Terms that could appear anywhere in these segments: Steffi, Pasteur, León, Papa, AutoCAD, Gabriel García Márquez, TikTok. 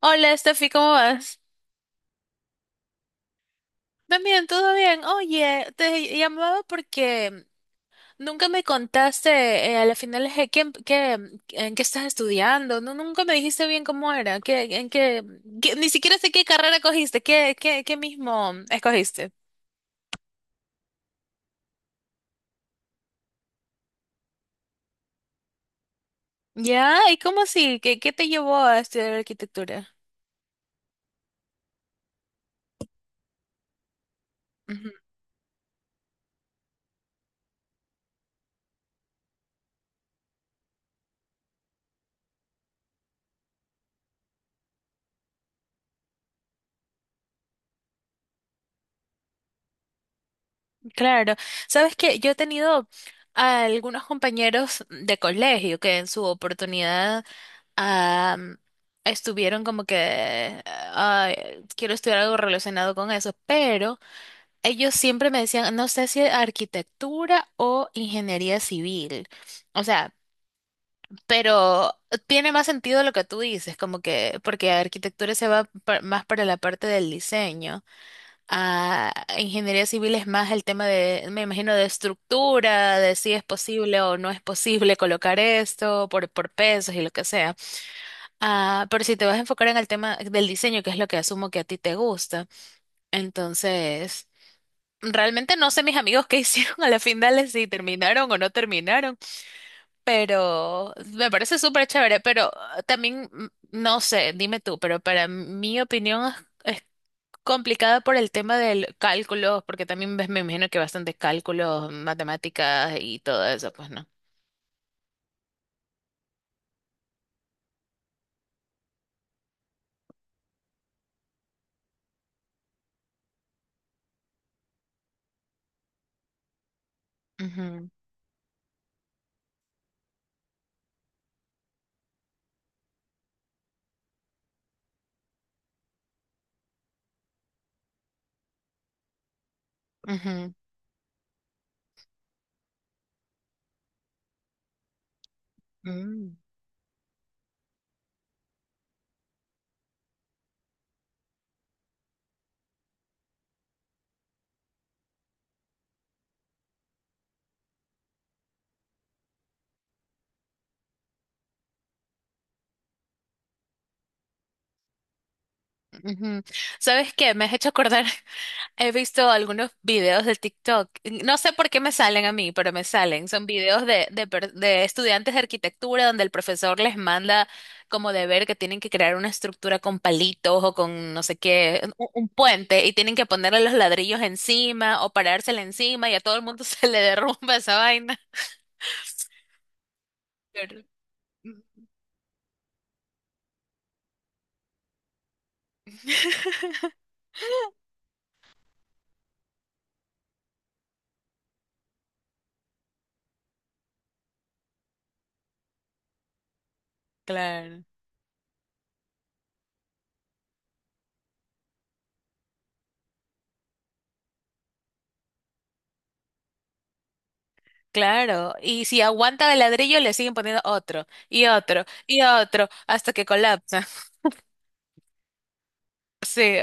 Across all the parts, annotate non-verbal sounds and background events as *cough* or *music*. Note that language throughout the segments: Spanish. Hola, Steffi, ¿cómo vas? También, todo bien. Oye, te llamaba porque nunca me contaste a la final en qué estás estudiando. No, nunca me dijiste bien cómo era, qué, en qué, qué- ni siquiera sé qué carrera cogiste, qué mismo escogiste. Ya, ¿y cómo así? Qué te llevó a estudiar arquitectura? Claro, sabes que yo he tenido a algunos compañeros de colegio que en su oportunidad am, estuvieron como que "Ay, quiero estudiar algo relacionado con eso", pero ellos siempre me decían, no sé si arquitectura o ingeniería civil. O sea, pero tiene más sentido lo que tú dices, como que porque arquitectura se va más para la parte del diseño a ingeniería civil es más el tema de, me imagino, de estructura, de si es posible o no es posible colocar esto por pesos y lo que sea. Ah, pero si te vas a enfocar en el tema del diseño, que es lo que asumo que a ti te gusta, entonces, realmente no sé mis amigos qué *laughs* hicieron a la final, si terminaron o no terminaron, pero me parece súper chévere, pero no sé, dime tú, pero para mi opinión... Complicada por el tema del cálculo, porque también me imagino que bastantes cálculos, matemáticas y todo eso, pues no. Ujú, ujú, mm. Ujú. ¿Sabes qué? Me has hecho acordar. *laughs* He visto algunos videos de TikTok. No sé por qué me salen a mí, pero me salen. Son videos de estudiantes de arquitectura donde el profesor les manda como deber que tienen que crear una estructura con palitos o con no sé qué, un puente y tienen que ponerle los ladrillos encima o parársela encima y a todo el mundo *laughs* se le derrumba esa vaina. Pero- *laughs* Claro. Claro, y si aguanta el ladrillo, le siguen poniendo otro, y otro, y otro, hasta que colapsa. *laughs* Sí,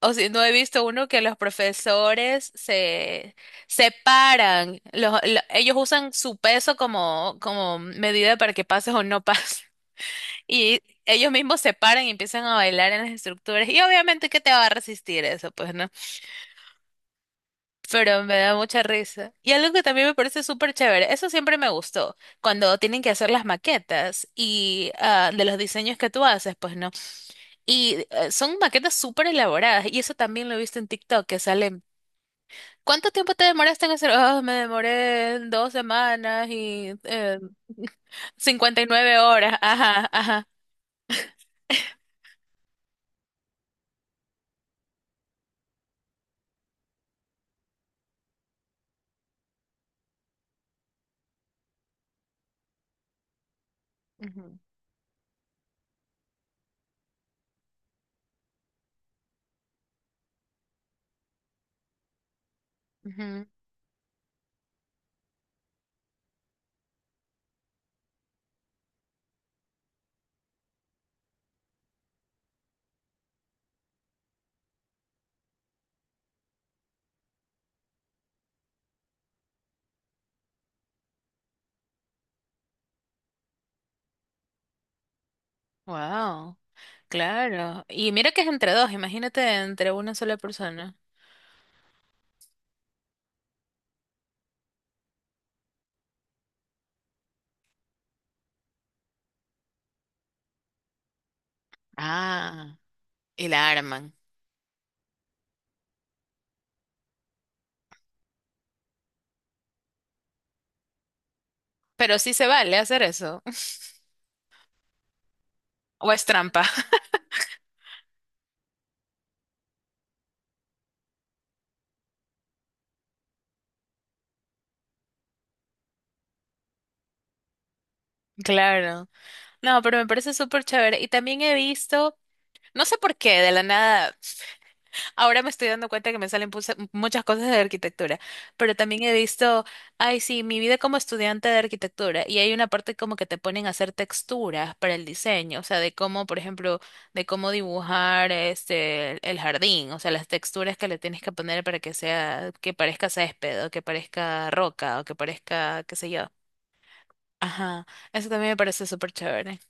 o si no he visto uno que los profesores se separan, ellos usan su peso como, como medida para que pases o no pases, *laughs* y ellos mismos se paran y empiezan a bailar en las estructuras, y obviamente que te va a resistir eso, pues, ¿no? Pero me da mucha risa. Y algo que también me parece súper chévere, eso siempre me gustó, cuando tienen que hacer las maquetas y de los diseños que tú haces, pues no. Y son maquetas súper elaboradas y eso también lo he visto en TikTok que salen. ¿Cuánto tiempo te demoraste en hacer? Oh, me demoré 2 semanas y *laughs* 59 horas. Ajá, ajá. Wow, claro. Y mira que es entre dos, imagínate entre una sola persona. Ah, y la arman. Pero sí se vale hacer eso. *laughs* ¿O es trampa? *laughs* Claro. No, pero me parece súper chévere. Y también he visto, no sé por qué, de la nada. Ahora me estoy dando cuenta que me salen muchas cosas de arquitectura, pero también he visto, ay, sí, mi vida como estudiante de arquitectura, y hay una parte como que te ponen a hacer texturas para el diseño, o sea, de cómo, por ejemplo, de cómo dibujar este el jardín, o sea, las texturas que le tienes que poner para que sea, que parezca césped, o que parezca roca, o que parezca, qué sé yo. Ajá, eso también me parece súper chévere.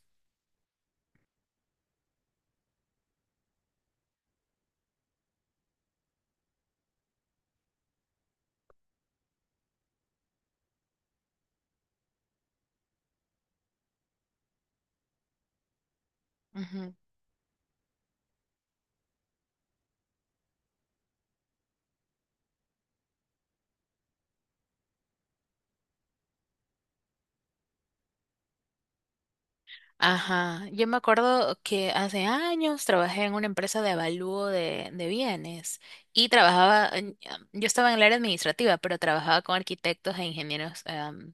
Ajá, yo me acuerdo que hace años trabajé en una empresa de avalúo de bienes y yo estaba en el área administrativa, pero trabajaba con arquitectos e ingenieros,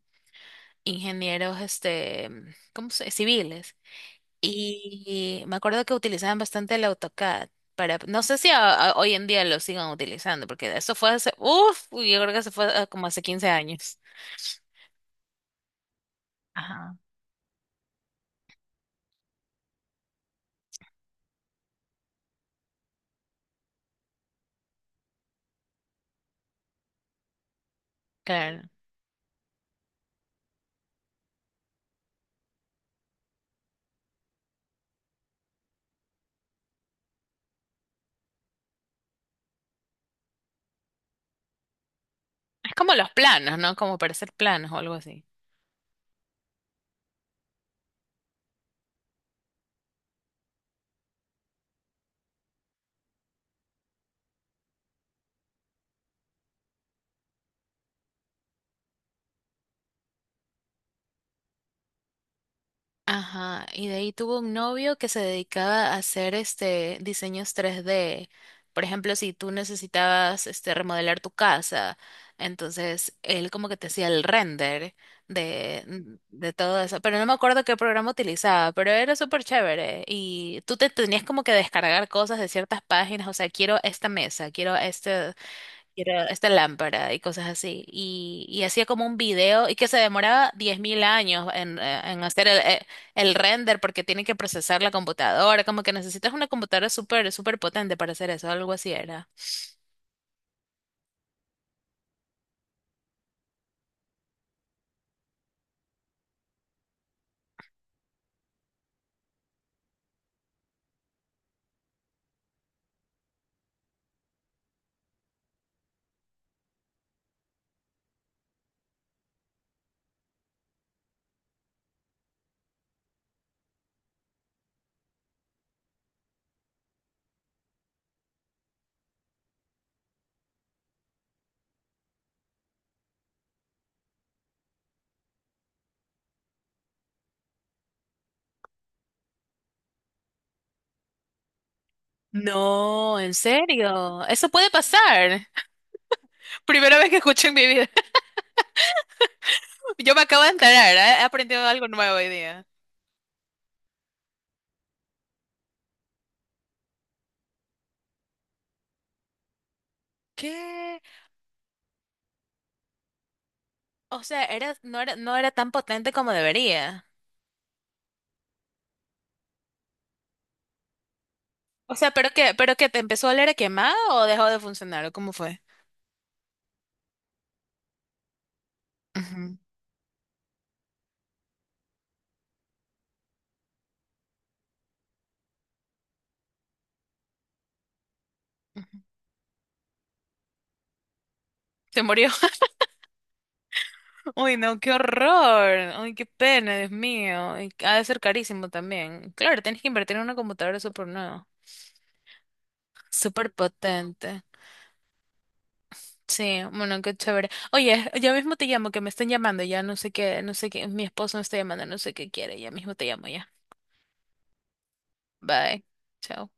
ingenieros, este, ¿cómo se? Civiles. Y me acuerdo que utilizaban bastante el AutoCAD para, no sé si hoy en día lo sigan utilizando, porque eso fue hace, uff, yo creo que se fue como hace 15 años. Ajá, claro. Es como los planos, ¿no? Como para hacer planos o algo así. Ajá, y de ahí tuvo un novio que se dedicaba a hacer este diseños 3D. Por ejemplo, si tú necesitabas este remodelar tu casa, entonces él como que te hacía el render de todo eso. Pero no me acuerdo qué programa utilizaba, pero era súper chévere. Y tú te tenías como que descargar cosas de ciertas páginas, o sea, quiero esta mesa, quiero este era esta lámpara y cosas así. Y hacía como un video y que se demoraba 10.000 años en hacer el render porque tiene que procesar la computadora. Como que necesitas una computadora súper, súper potente para hacer eso, algo así era. No, en serio, eso puede pasar. *laughs* Primera vez que escucho en mi vida. *laughs* Yo me acabo de enterar, ¿eh? He aprendido algo nuevo hoy día. ¿Qué? O sea, era, no era, no era tan potente como debería. O sea, pero que te empezó a oler a quemado o dejó de funcionar, ¿o cómo fue? Ujú. Se murió. *laughs* Uy, no, qué horror. Uy, qué pena, Dios mío. Y ha de ser carísimo también. Claro, tienes que invertir en una computadora súper nueva, súper potente. Sí, bueno, qué chévere. Oye, ya mismo te llamo, que me están llamando, ya no sé qué, no sé qué, mi esposo me está llamando, no sé qué quiere, ya mismo te llamo ya. Bye. Chao.